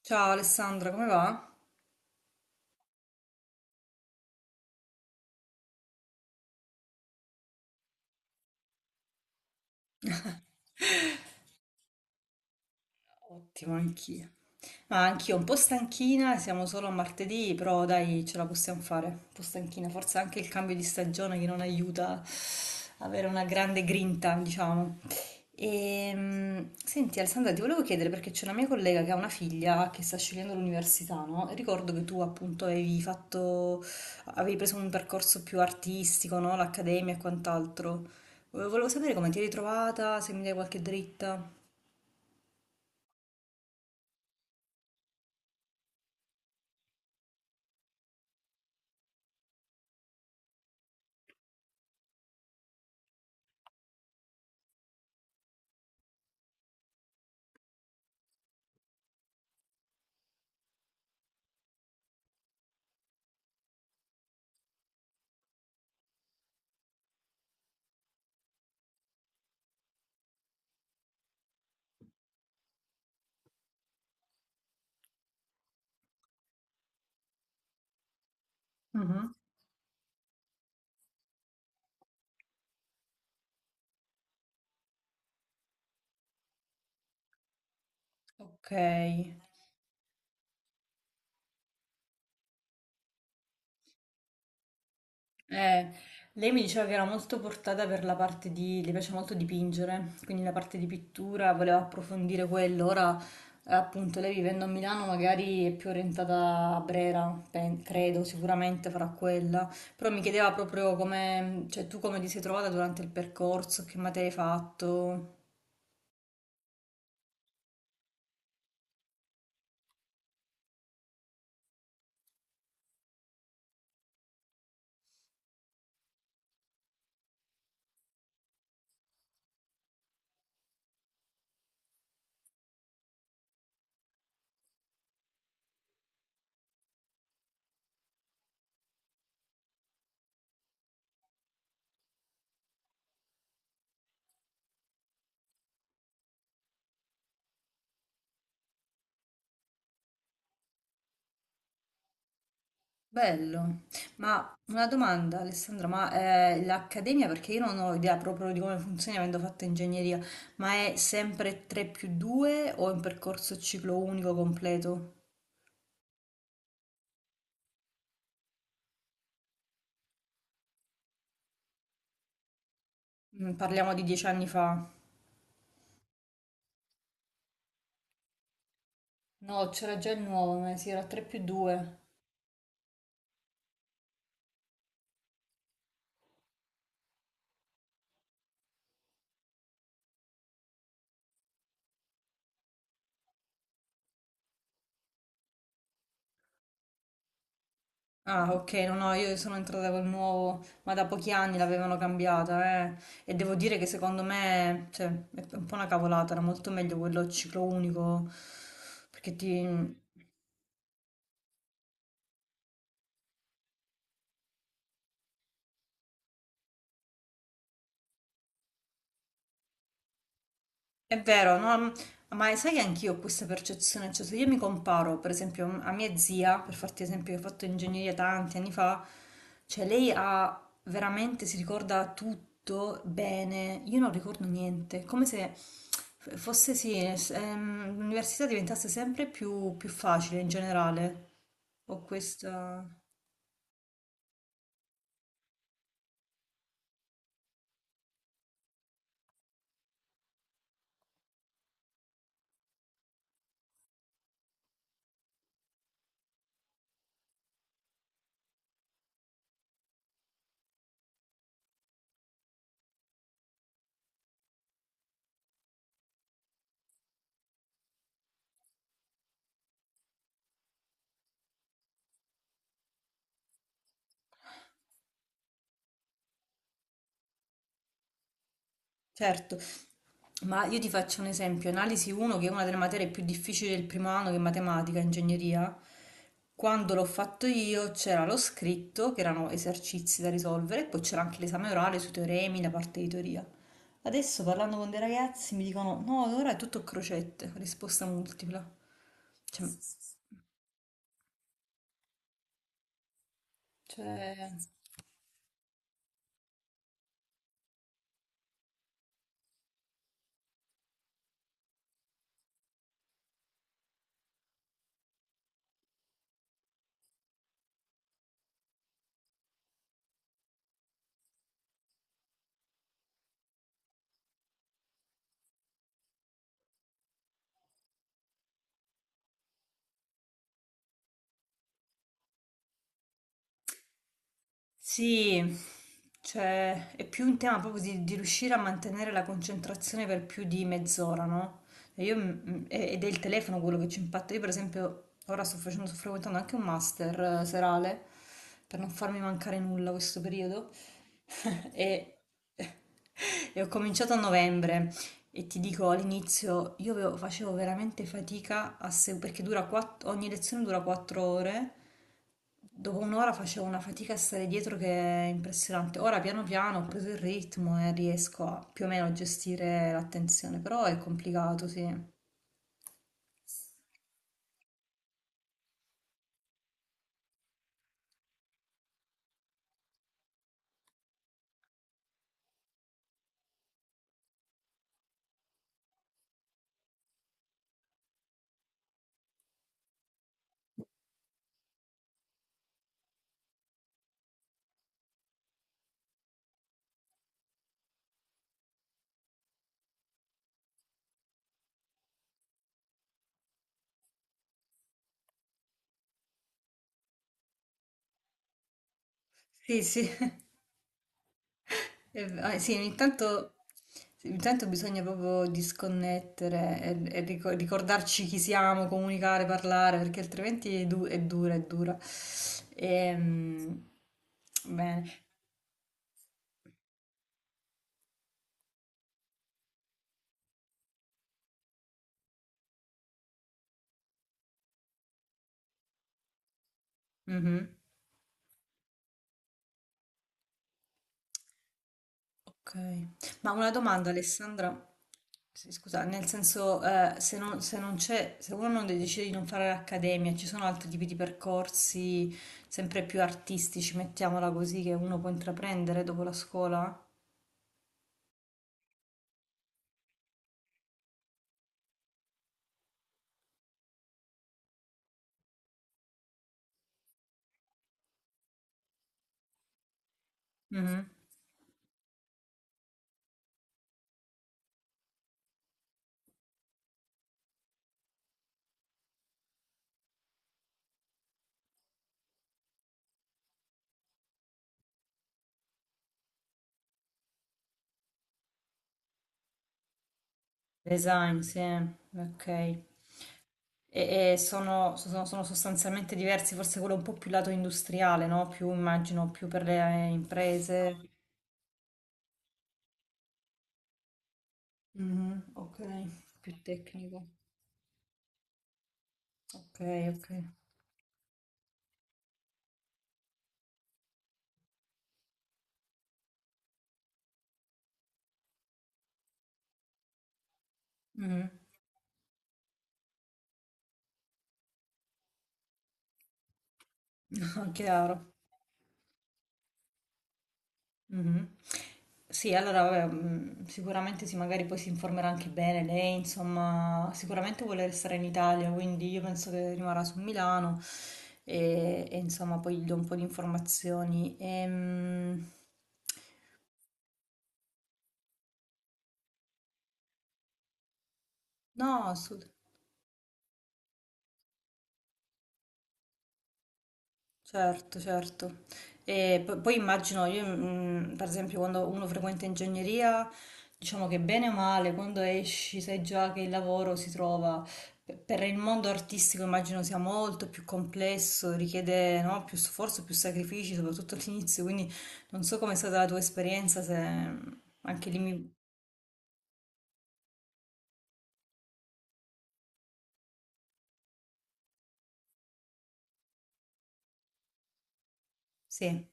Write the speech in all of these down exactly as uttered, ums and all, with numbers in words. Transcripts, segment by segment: Ciao Alessandra, come va? Ottimo, anch'io. Ma anch'io un po' stanchina, siamo solo a martedì, però dai, ce la possiamo fare. Un po' stanchina, forse anche il cambio di stagione che non aiuta a avere una grande grinta, diciamo. E, senti Alessandra, ti volevo chiedere perché c'è una mia collega che ha una figlia che sta scegliendo l'università, no? E ricordo che tu appunto avevi fatto, avevi preso un percorso più artistico, no? L'accademia e quant'altro. Volevo sapere come ti eri trovata, se mi dai qualche dritta. Mhm. Ok. Eh, lei mi diceva che era molto portata per la parte di, le piace molto dipingere, quindi la parte di pittura, voleva approfondire quello, ora eh, appunto lei vivendo a Milano magari è più orientata a Brera, pen- credo, sicuramente farà quella, però mi chiedeva proprio come, cioè tu come ti sei trovata durante il percorso, che materia hai fatto. Bello, ma una domanda Alessandra, ma eh, l'accademia, perché io non ho idea proprio di come funzioni avendo fatto ingegneria, ma è sempre tre più due o è un percorso ciclo unico completo? Mm, Parliamo di dieci anni fa. No, c'era già il nuovo, ma sì, era tre più due. Ah, ok, no, no, io sono entrata col nuovo, ma da pochi anni l'avevano cambiata, eh. E devo dire che secondo me, cioè, è un po' una cavolata, era molto meglio quello ciclo unico, perché ti... È vero, no? Ma sai che anch'io ho questa percezione, cioè se io mi comparo per esempio a mia zia, per farti esempio che ho fatto ingegneria tanti anni fa, cioè lei ha veramente, si ricorda tutto bene, io non ricordo niente, come se fosse sì, ehm, l'università diventasse sempre più, più facile in generale, ho questa... Certo, ma io ti faccio un esempio, analisi uno che è una delle materie più difficili del primo anno che è matematica, ingegneria, quando l'ho fatto io c'era lo scritto, che erano esercizi da risolvere, e poi c'era anche l'esame orale sui teoremi, la parte di teoria. Adesso parlando con dei ragazzi mi dicono no, ora è tutto crocette, risposta multipla. Cioè, cioè, Sì, cioè è più un tema proprio di, di riuscire a mantenere la concentrazione per più di mezz'ora, no? E io, mm, e- ed è il telefono quello che ci impatta. Io, per esempio, ora sto facendo, sto frequentando anche un master eh, serale per non farmi mancare nulla questo periodo. E, e ho cominciato a novembre. E ti dico, all'inizio io avevo- facevo veramente fatica a se- perché dura quatt- ogni lezione dura quattro ore. Dopo un'ora facevo una fatica a stare dietro che è impressionante. Ora piano piano ho preso il ritmo e riesco a più o meno a gestire l'attenzione, però è complicato, sì. Sì, sì. Eh, ah, sì, ogni tanto, sì, ogni tanto bisogna proprio disconnettere e, e rico- ricordarci chi siamo, comunicare, parlare, perché altrimenti è, du- è dura, è dura. Ehm, Bene. Mhm. Ok. Ma una domanda, Alessandra. Sì, scusa, nel senso, eh, se non, se non c'è, se uno non decide di non fare l'accademia, ci sono altri tipi di percorsi sempre più artistici, mettiamola così, che uno può intraprendere dopo la scuola? Mhm. Design, sì, ok. E, e sono, so-, sono- sono sostanzialmente diversi, forse quello è un po' più lato industriale, no? Più immagino, più per le eh, imprese. Mhm, ok, più tecnico. Ok, ok. Mhm, Chiaro. Mhm. Sì, allora, vabbè, mm, sicuramente sì, magari poi si informerà anche bene lei, insomma, sicuramente vuole restare in Italia, quindi io penso che rimarrà su Milano e, e, insomma poi gli do un po' di informazioni. Ehm, no, assolutamente. Certo, certo. E po- poi immagino, io mm, mm, per esempio quando uno frequenta ingegneria, diciamo che bene o male, quando esci sai già che il lavoro si trova. Pe- Per il mondo artistico immagino sia molto più complesso, richiede, no, più sforzo, più sacrifici, soprattutto all'inizio, quindi non so com'è stata la tua esperienza, se mm, anche lì mi... Sì,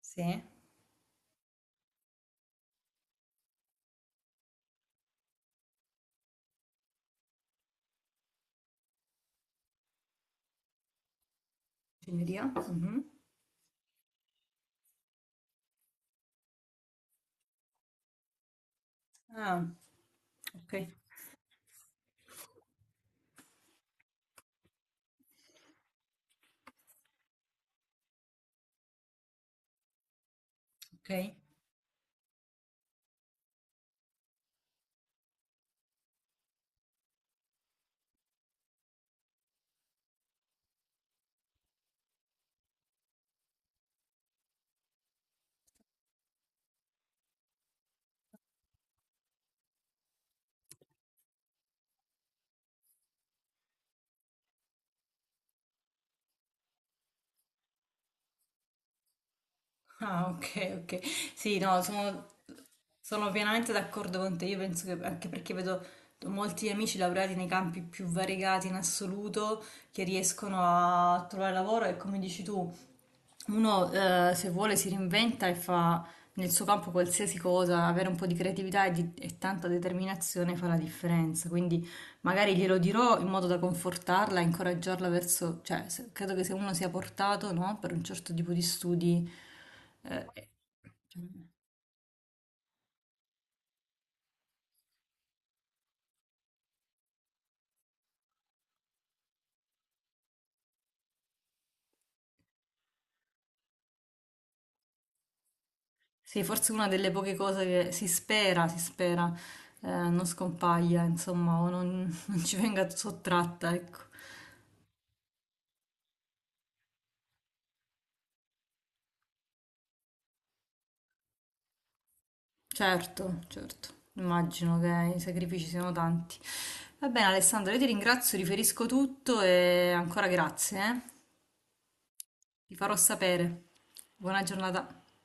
sì, ingegneria. Mhm. Ah, ok, ok. Ah, ok, ok. Sì, no, sono, sono pienamente d'accordo con te. Io penso che anche perché vedo molti amici laureati nei campi più variegati in assoluto che riescono a trovare lavoro e come dici tu, uno eh, se vuole si reinventa e fa nel suo campo qualsiasi cosa, avere un po' di creatività e, di- e tanta determinazione fa la differenza. Quindi magari glielo dirò in modo da confortarla, incoraggiarla verso, cioè se- credo che se uno sia portato, no, per un certo tipo di studi, eh, sì, forse una delle poche cose che si spera, si spera, eh, non scompaia, insomma, o non, non ci venga sottratta, ecco. Certo, certo, immagino che i sacrifici siano tanti. Va bene Alessandro, io ti ringrazio, riferisco tutto e ancora grazie, eh. Ti farò sapere. Buona giornata.